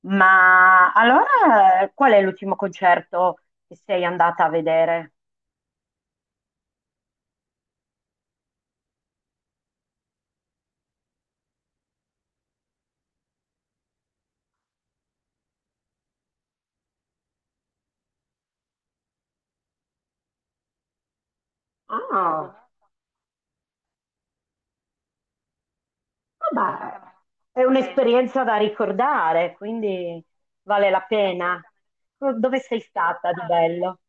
Ma allora qual è l'ultimo concerto che sei andata a vedere? Ah, vabbè, è un'esperienza da ricordare, quindi vale la pena. Dove sei stata di bello?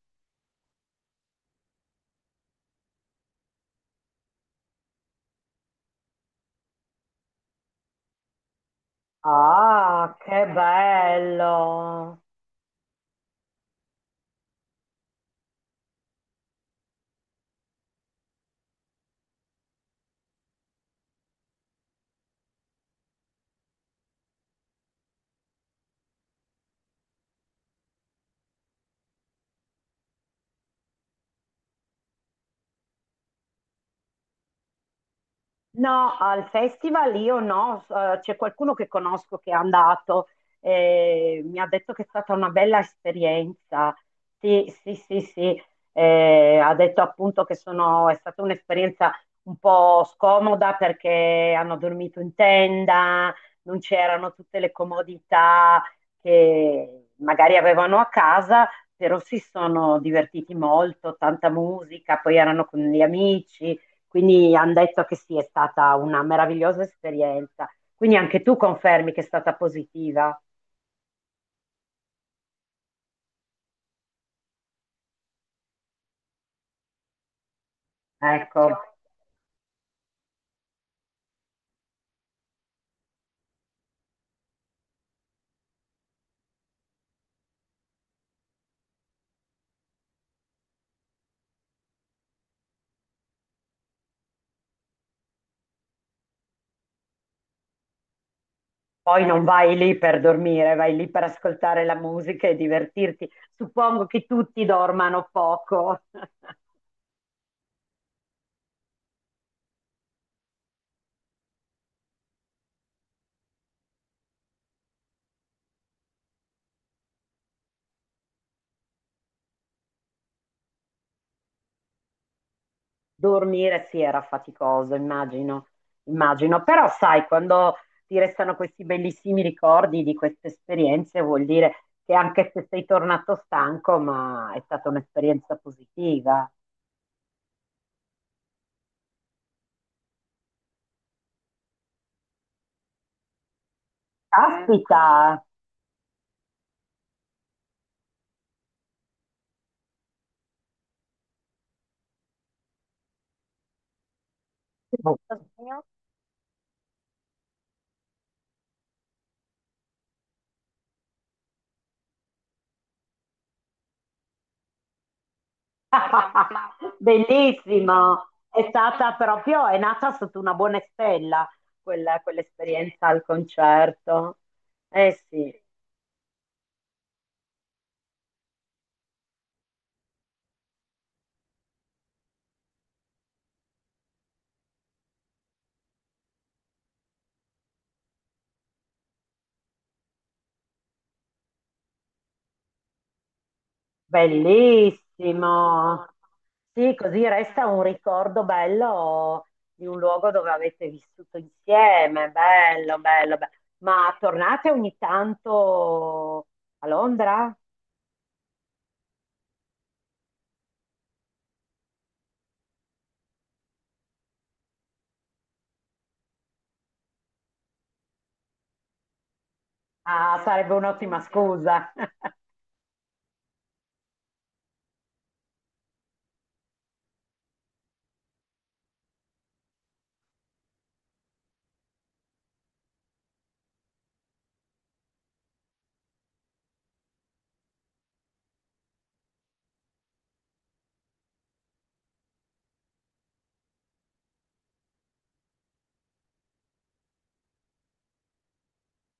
Ah, che bello! No, al festival io no, c'è qualcuno che conosco che è andato e mi ha detto che è stata una bella esperienza. Sì, sì, sì, sì. Ha detto appunto che è stata un'esperienza un po' scomoda perché hanno dormito in tenda, non c'erano tutte le comodità che magari avevano a casa, però si sono divertiti molto, tanta musica, poi erano con gli amici. Quindi hanno detto che sì, è stata una meravigliosa esperienza. Quindi anche tu confermi che è stata positiva. Ecco, poi non vai lì per dormire, vai lì per ascoltare la musica e divertirti. Suppongo che tutti dormano poco. Dormire sì era faticoso, immagino, immagino. Però sai, quando ti restano questi bellissimi ricordi di queste esperienze, vuol dire che anche se sei tornato stanco, ma è stata un'esperienza positiva. Ecco. Caspita. Bellissimo, è stata proprio, è nata sotto una buona stella quella, quell'esperienza al concerto. Eh sì, bellissimo. Sì, così resta un ricordo bello di un luogo dove avete vissuto insieme, bello, bello, bello. Ma tornate ogni tanto a Londra? Ah, sarebbe un'ottima scusa.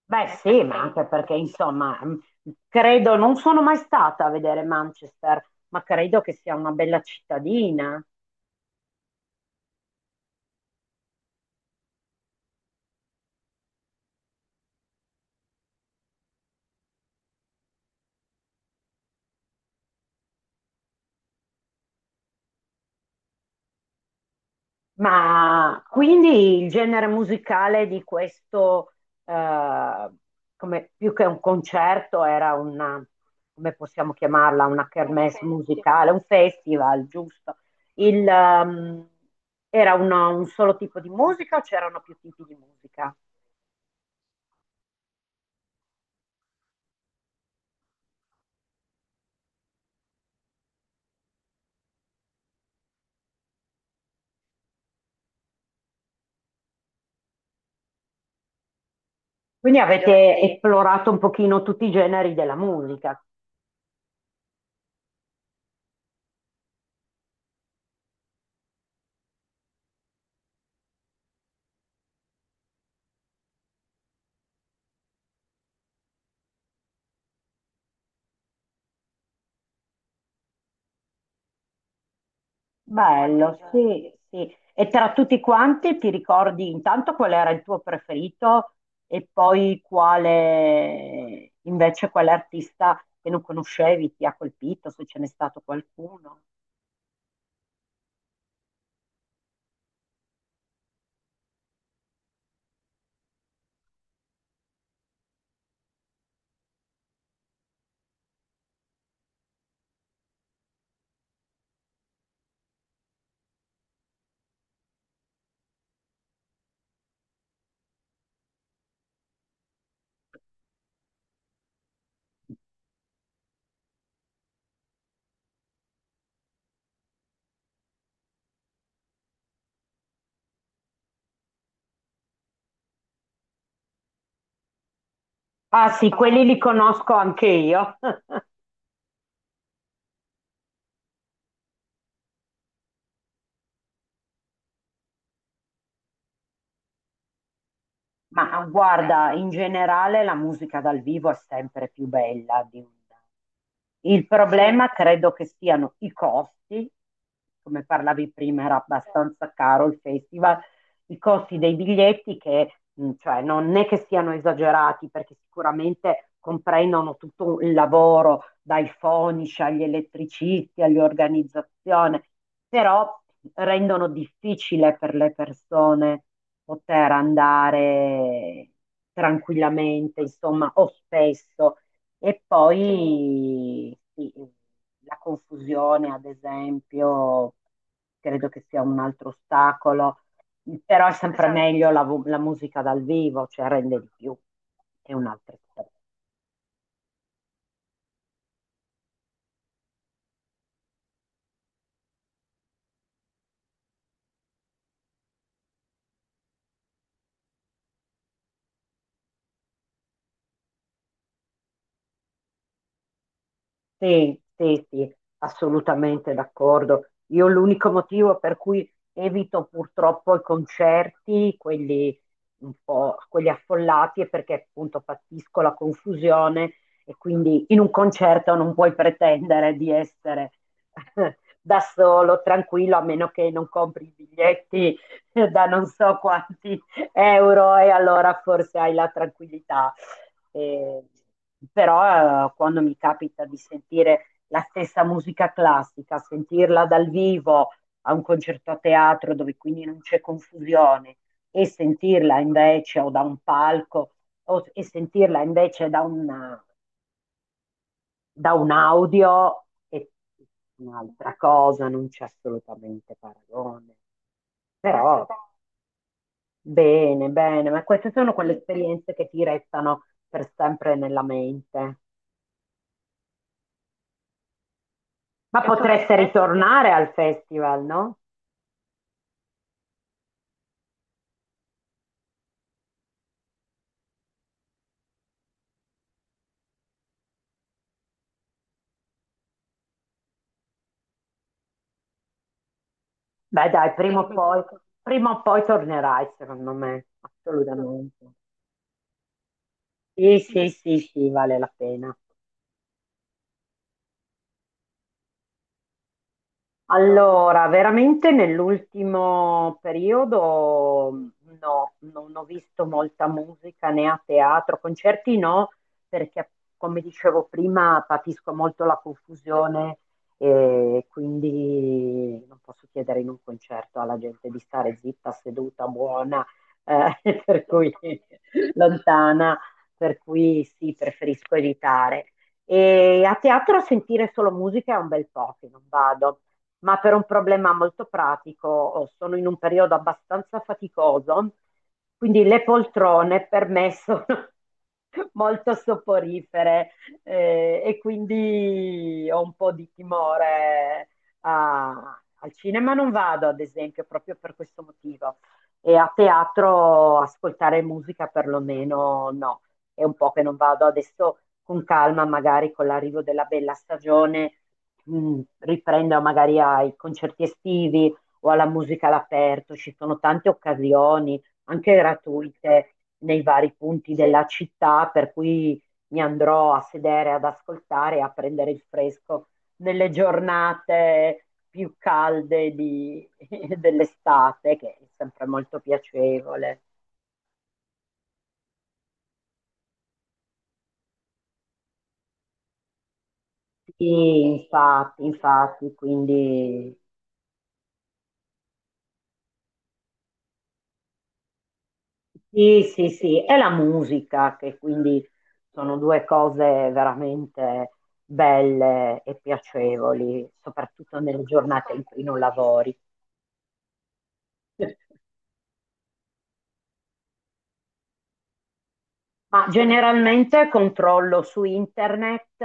Beh, sì, ma anche perché, insomma, credo, non sono mai stata a vedere Manchester, ma credo che sia una bella cittadina. Ma quindi il genere musicale di questo, eh, come, più che un concerto, era una, come possiamo chiamarla, una kermesse musicale, un festival, giusto? Il, era un solo tipo di musica o c'erano più tipi di musica? Quindi avete esplorato un pochino tutti i generi della musica. Bello, sì, sì. E tra tutti quanti ti ricordi intanto qual era il tuo preferito e poi quale invece quale artista che non conoscevi ti ha colpito, se ce n'è stato qualcuno? Ah sì, quelli li conosco anche io. Ma guarda, in generale la musica dal vivo è sempre più bella di un. Il problema credo che siano i costi, come parlavi prima, era abbastanza caro il festival, i costi dei biglietti che cioè, non è che siano esagerati perché sicuramente comprendono tutto il lavoro dai fonici agli elettricisti, all'organizzazione, però rendono difficile per le persone poter andare tranquillamente, insomma, o spesso. E poi sì, la confusione, ad esempio, credo che sia un altro ostacolo, però è sempre meglio la, la musica dal vivo, cioè rende di più, è un'altra cosa. Sì, sì, sì, assolutamente d'accordo. Io l'unico motivo per cui evito purtroppo i concerti, quelli un po', quelli affollati, è perché appunto patisco la confusione e quindi in un concerto non puoi pretendere di essere da solo, tranquillo, a meno che non compri i biglietti da non so quanti euro e allora forse hai la tranquillità. Eh, però quando mi capita di sentire la stessa musica classica, sentirla dal vivo a un concerto a teatro dove quindi non c'è confusione e sentirla invece o da un palco o, e sentirla invece da, da un audio è un'altra cosa, non c'è assolutamente paragone. Però bene, bene, ma queste sono quelle esperienze che ti restano per sempre nella mente. Ma potreste tornerò. Ritornare al festival, no? Beh, dai, prima o poi tornerai, secondo me, assolutamente. Sì, sì, sì, sì, vale la pena. Allora, veramente nell'ultimo periodo no, non ho visto molta musica né a teatro, concerti no, perché come dicevo prima patisco molto la confusione e quindi non posso chiedere in un concerto alla gente di stare zitta, seduta, buona, eh, per cui lontana, per cui sì, preferisco evitare. E a teatro sentire solo musica è un bel po' che non vado, ma per un problema molto pratico oh, sono in un periodo abbastanza faticoso, quindi le poltrone per me sono molto soporifere, e quindi ho un po' di timore, al cinema non vado, ad esempio, proprio per questo motivo. E a teatro ascoltare musica perlomeno no, è un po' che non vado adesso con calma, magari con l'arrivo della bella stagione, riprendo magari ai concerti estivi o alla musica all'aperto, ci sono tante occasioni, anche gratuite, nei vari punti della città, per cui mi andrò a sedere ad ascoltare a prendere il fresco nelle giornate più calde dell'estate, che è sempre molto piacevole. Sì, infatti, infatti, quindi sì, sì, sì, è la musica che quindi sono due cose veramente belle e piacevoli, soprattutto nelle giornate in cui non lavori. Ma generalmente controllo su internet,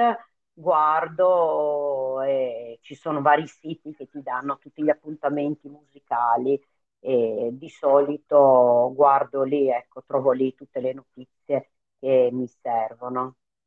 guardo e ci sono vari siti che ti danno tutti gli appuntamenti musicali e di solito guardo lì, ecco, trovo lì tutte le notizie che mi servono.